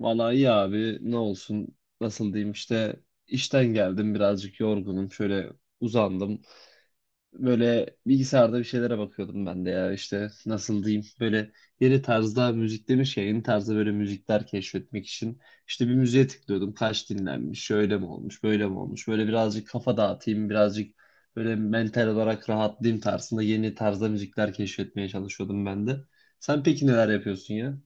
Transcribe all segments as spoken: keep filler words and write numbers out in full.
Valla iyi abi, ne olsun, nasıl diyeyim işte işten geldim, birazcık yorgunum, şöyle uzandım, böyle bilgisayarda bir şeylere bakıyordum ben de. Ya işte nasıl diyeyim, böyle yeni tarzda müzik demiş ya, yeni tarzda böyle müzikler keşfetmek için işte bir müziğe tıklıyordum, kaç dinlenmiş, şöyle mi olmuş, böyle mi olmuş, böyle birazcık kafa dağıtayım birazcık, böyle mental olarak rahatlayayım tarzında yeni tarzda müzikler keşfetmeye çalışıyordum ben de. Sen peki neler yapıyorsun ya?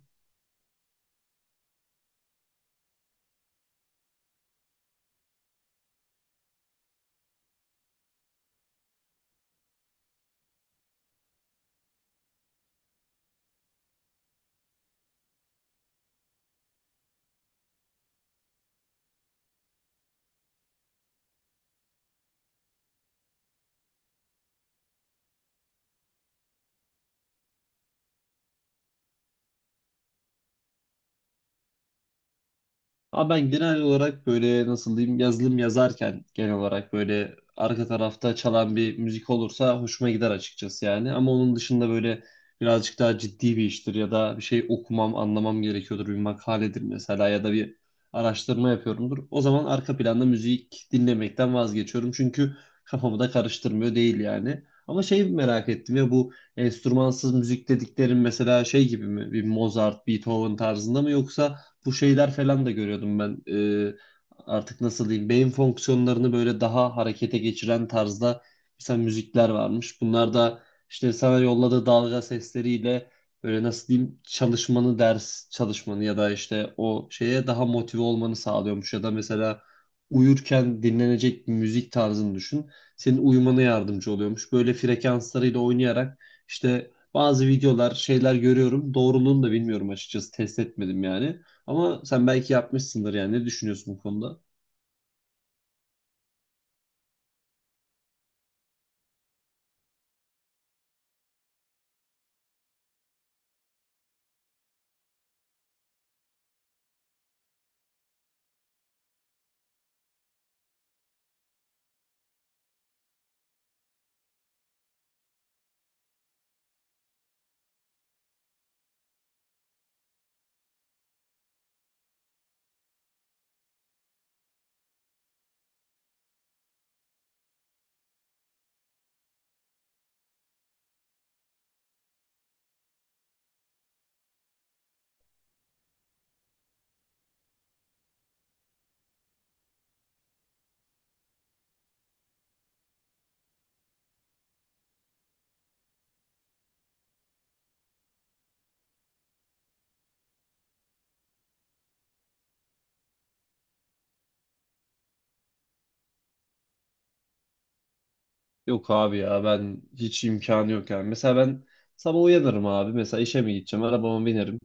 Ama ben genel olarak böyle nasıl diyeyim yazılım yazarken genel olarak böyle arka tarafta çalan bir müzik olursa hoşuma gider açıkçası yani. Ama onun dışında böyle birazcık daha ciddi bir iştir ya da bir şey okumam, anlamam gerekiyordur. Bir makaledir mesela ya da bir araştırma yapıyorumdur. O zaman arka planda müzik dinlemekten vazgeçiyorum. Çünkü kafamı da karıştırmıyor değil yani. Ama şey merak ettim ya, bu enstrümansız müzik dediklerin mesela şey gibi mi? Bir Mozart, Beethoven tarzında mı, yoksa bu şeyler falan da görüyordum ben. Ee, artık nasıl diyeyim beyin fonksiyonlarını böyle daha harekete geçiren tarzda mesela müzikler varmış. Bunlar da işte sana yolladığı dalga sesleriyle böyle nasıl diyeyim çalışmanı, ders çalışmanı ya da işte o şeye daha motive olmanı sağlıyormuş ya da mesela uyurken dinlenecek bir müzik tarzını düşün. Senin uyumana yardımcı oluyormuş. Böyle frekanslarıyla oynayarak işte bazı videolar, şeyler görüyorum. Doğruluğunu da bilmiyorum açıkçası. Test etmedim yani. Ama sen belki yapmışsındır yani. Ne düşünüyorsun bu konuda? Yok abi ya, ben hiç imkanı yok yani. Mesela ben sabah uyanırım abi. Mesela işe mi gideceğim? Arabama binerim.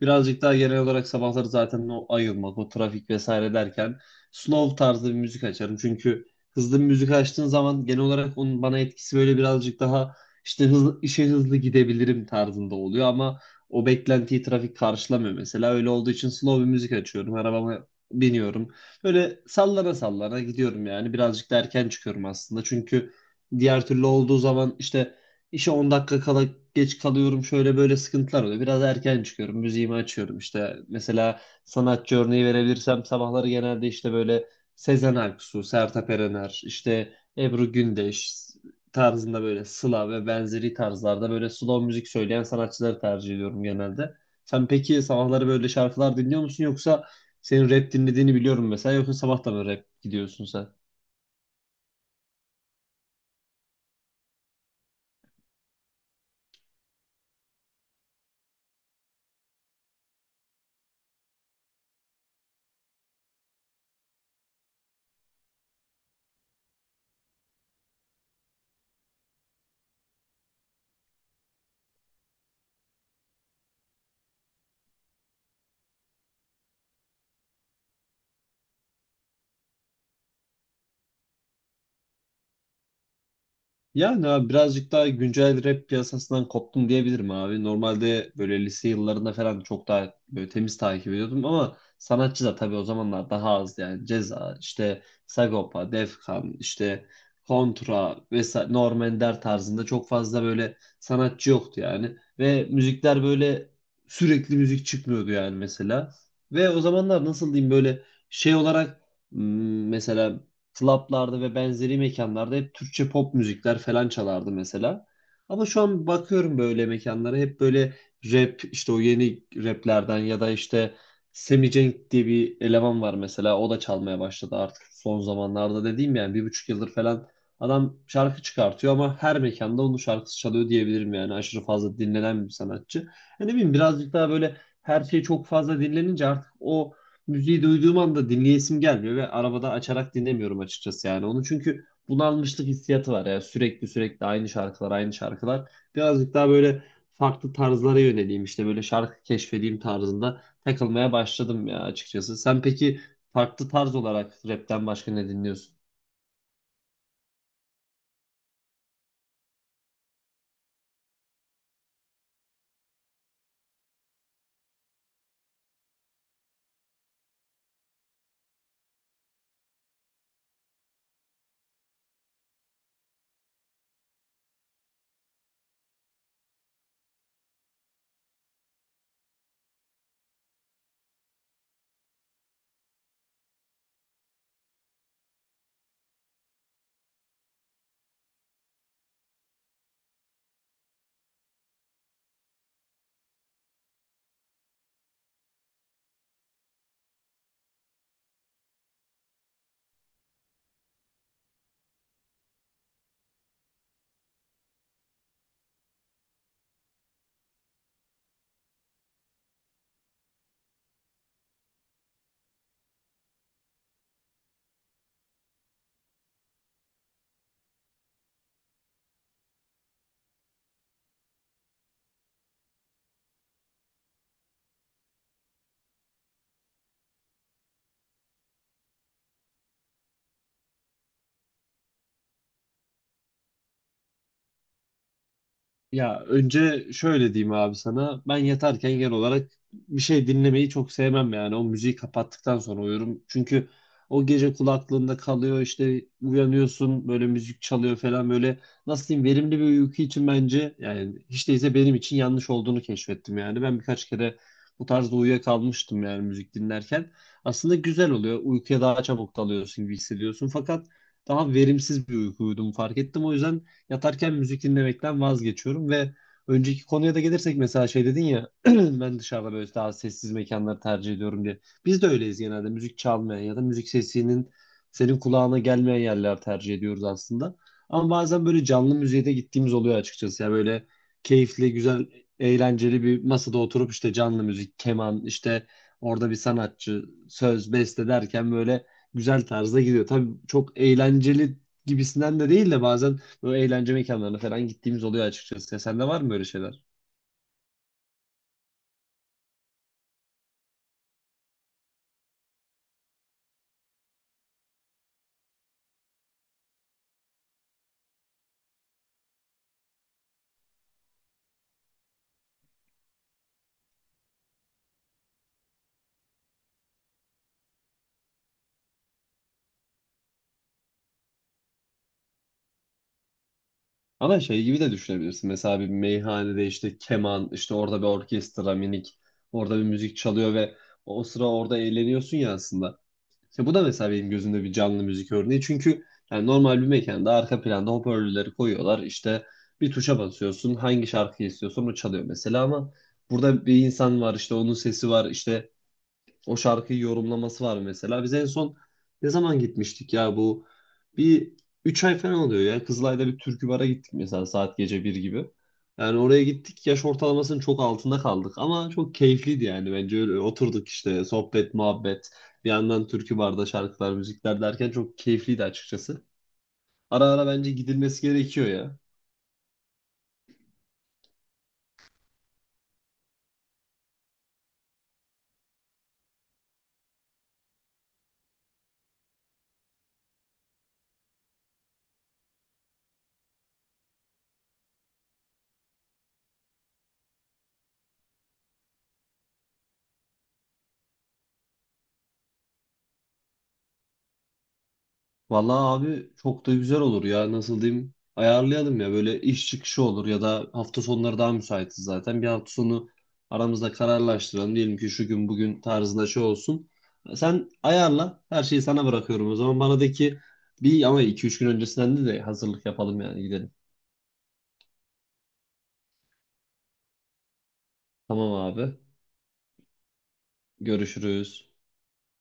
Birazcık daha genel olarak sabahları zaten o ayılmak, o trafik vesaire derken slow tarzda bir müzik açarım. Çünkü hızlı bir müzik açtığın zaman genel olarak onun bana etkisi böyle birazcık daha işte hızlı, işe hızlı gidebilirim tarzında oluyor, ama o beklentiyi trafik karşılamıyor mesela. Öyle olduğu için slow bir müzik açıyorum. Arabama biniyorum. Böyle sallana sallana gidiyorum yani. Birazcık da erken çıkıyorum aslında. Çünkü diğer türlü olduğu zaman işte işe on dakika kala geç kalıyorum, şöyle böyle sıkıntılar oluyor. Biraz erken çıkıyorum, müziğimi açıyorum. İşte mesela sanatçı örneği verebilirsem, sabahları genelde işte böyle Sezen Aksu, Sertab Erener, işte Ebru Gündeş tarzında, böyle Sıla ve benzeri tarzlarda, böyle slow müzik söyleyen sanatçıları tercih ediyorum genelde. Sen peki sabahları böyle şarkılar dinliyor musun, yoksa senin rap dinlediğini biliyorum mesela, yoksa sabah da mı rap gidiyorsun sen? Yani abi, birazcık daha güncel rap piyasasından koptum diyebilirim abi. Normalde böyle lise yıllarında falan çok daha böyle temiz takip ediyordum, ama sanatçı da tabii o zamanlar daha az yani. Ceza, işte Sagopa, Defkan, işte Kontra vesaire Norm Ender tarzında çok fazla böyle sanatçı yoktu yani. Ve müzikler böyle sürekli müzik çıkmıyordu yani mesela. Ve o zamanlar nasıl diyeyim böyle şey olarak hmm, mesela klaplarda ve benzeri mekanlarda hep Türkçe pop müzikler falan çalardı mesela. Ama şu an bakıyorum böyle mekanlara hep böyle rap, işte o yeni raplerden ya da işte Semi Cenk diye bir eleman var mesela, o da çalmaya başladı artık son zamanlarda, dediğim yani bir buçuk yıldır falan adam şarkı çıkartıyor ama her mekanda onun şarkısı çalıyor diyebilirim yani, aşırı fazla dinlenen bir sanatçı. E ne bileyim, birazcık daha böyle her şey çok fazla dinlenince artık o müziği duyduğum anda dinleyesim gelmiyor ve arabada açarak dinlemiyorum açıkçası yani onu, çünkü bunalmışlık hissiyatı var ya, sürekli sürekli aynı şarkılar aynı şarkılar, birazcık daha böyle farklı tarzlara yöneleyim, işte böyle şarkı keşfedeyim tarzında takılmaya başladım ya açıkçası. Sen peki farklı tarz olarak rapten başka ne dinliyorsun? Ya önce şöyle diyeyim abi sana. Ben yatarken genel olarak bir şey dinlemeyi çok sevmem yani. O müziği kapattıktan sonra uyurum. Çünkü o gece kulaklığında kalıyor işte, uyanıyorsun böyle, müzik çalıyor falan böyle. Nasıl diyeyim, verimli bir uyku için bence yani, hiç değilse benim için yanlış olduğunu keşfettim yani. Ben birkaç kere bu tarzda uyuyakalmıştım yani müzik dinlerken. Aslında güzel oluyor. Uykuya daha çabuk dalıyorsun gibi hissediyorsun. Fakat daha verimsiz bir uykuydum, fark ettim. O yüzden yatarken müzik dinlemekten vazgeçiyorum. Ve önceki konuya da gelirsek, mesela şey dedin ya ben dışarıda böyle daha sessiz mekanları tercih ediyorum diye. Biz de öyleyiz, genelde müzik çalmayan ya da müzik sesinin senin kulağına gelmeyen yerler tercih ediyoruz aslında. Ama bazen böyle canlı müziğe de gittiğimiz oluyor açıkçası. Ya böyle keyifli, güzel, eğlenceli bir masada oturup işte canlı müzik, keman, işte orada bir sanatçı, söz, beste derken böyle güzel tarzda gidiyor. Tabii çok eğlenceli gibisinden de değil de bazen böyle eğlence mekanlarına falan gittiğimiz oluyor açıkçası. Ya sende var mı böyle şeyler? Ama şey gibi de düşünebilirsin. Mesela bir meyhanede işte keman, işte orada bir orkestra minik, orada bir müzik çalıyor ve o sıra orada eğleniyorsun ya aslında. İşte bu da mesela benim gözümde bir canlı müzik örneği. Çünkü yani normal bir mekanda arka planda hoparlörleri koyuyorlar. İşte bir tuşa basıyorsun, hangi şarkıyı istiyorsan o çalıyor mesela, ama burada bir insan var işte, onun sesi var işte, o şarkıyı yorumlaması var mesela. Biz en son ne zaman gitmiştik ya bu? Bir üç ay falan oluyor ya. Kızılay'da bir türkü bara gittik mesela, saat gece bir gibi. Yani oraya gittik, yaş ortalamasının çok altında kaldık ama çok keyifliydi yani bence, öyle oturduk işte sohbet muhabbet, bir yandan türkü barda şarkılar müzikler derken çok keyifliydi açıkçası. Ara ara bence gidilmesi gerekiyor ya. Vallahi abi, çok da güzel olur ya, nasıl diyeyim, ayarlayalım ya böyle, iş çıkışı olur ya da hafta sonları daha müsaitiz zaten, bir hafta sonu aramızda kararlaştıralım, diyelim ki şu gün bugün tarzında şey olsun, sen ayarla her şeyi, sana bırakıyorum o zaman, bana de ki bir, ama iki üç gün öncesinden de, de hazırlık yapalım yani, gidelim. Tamam abi, görüşürüz.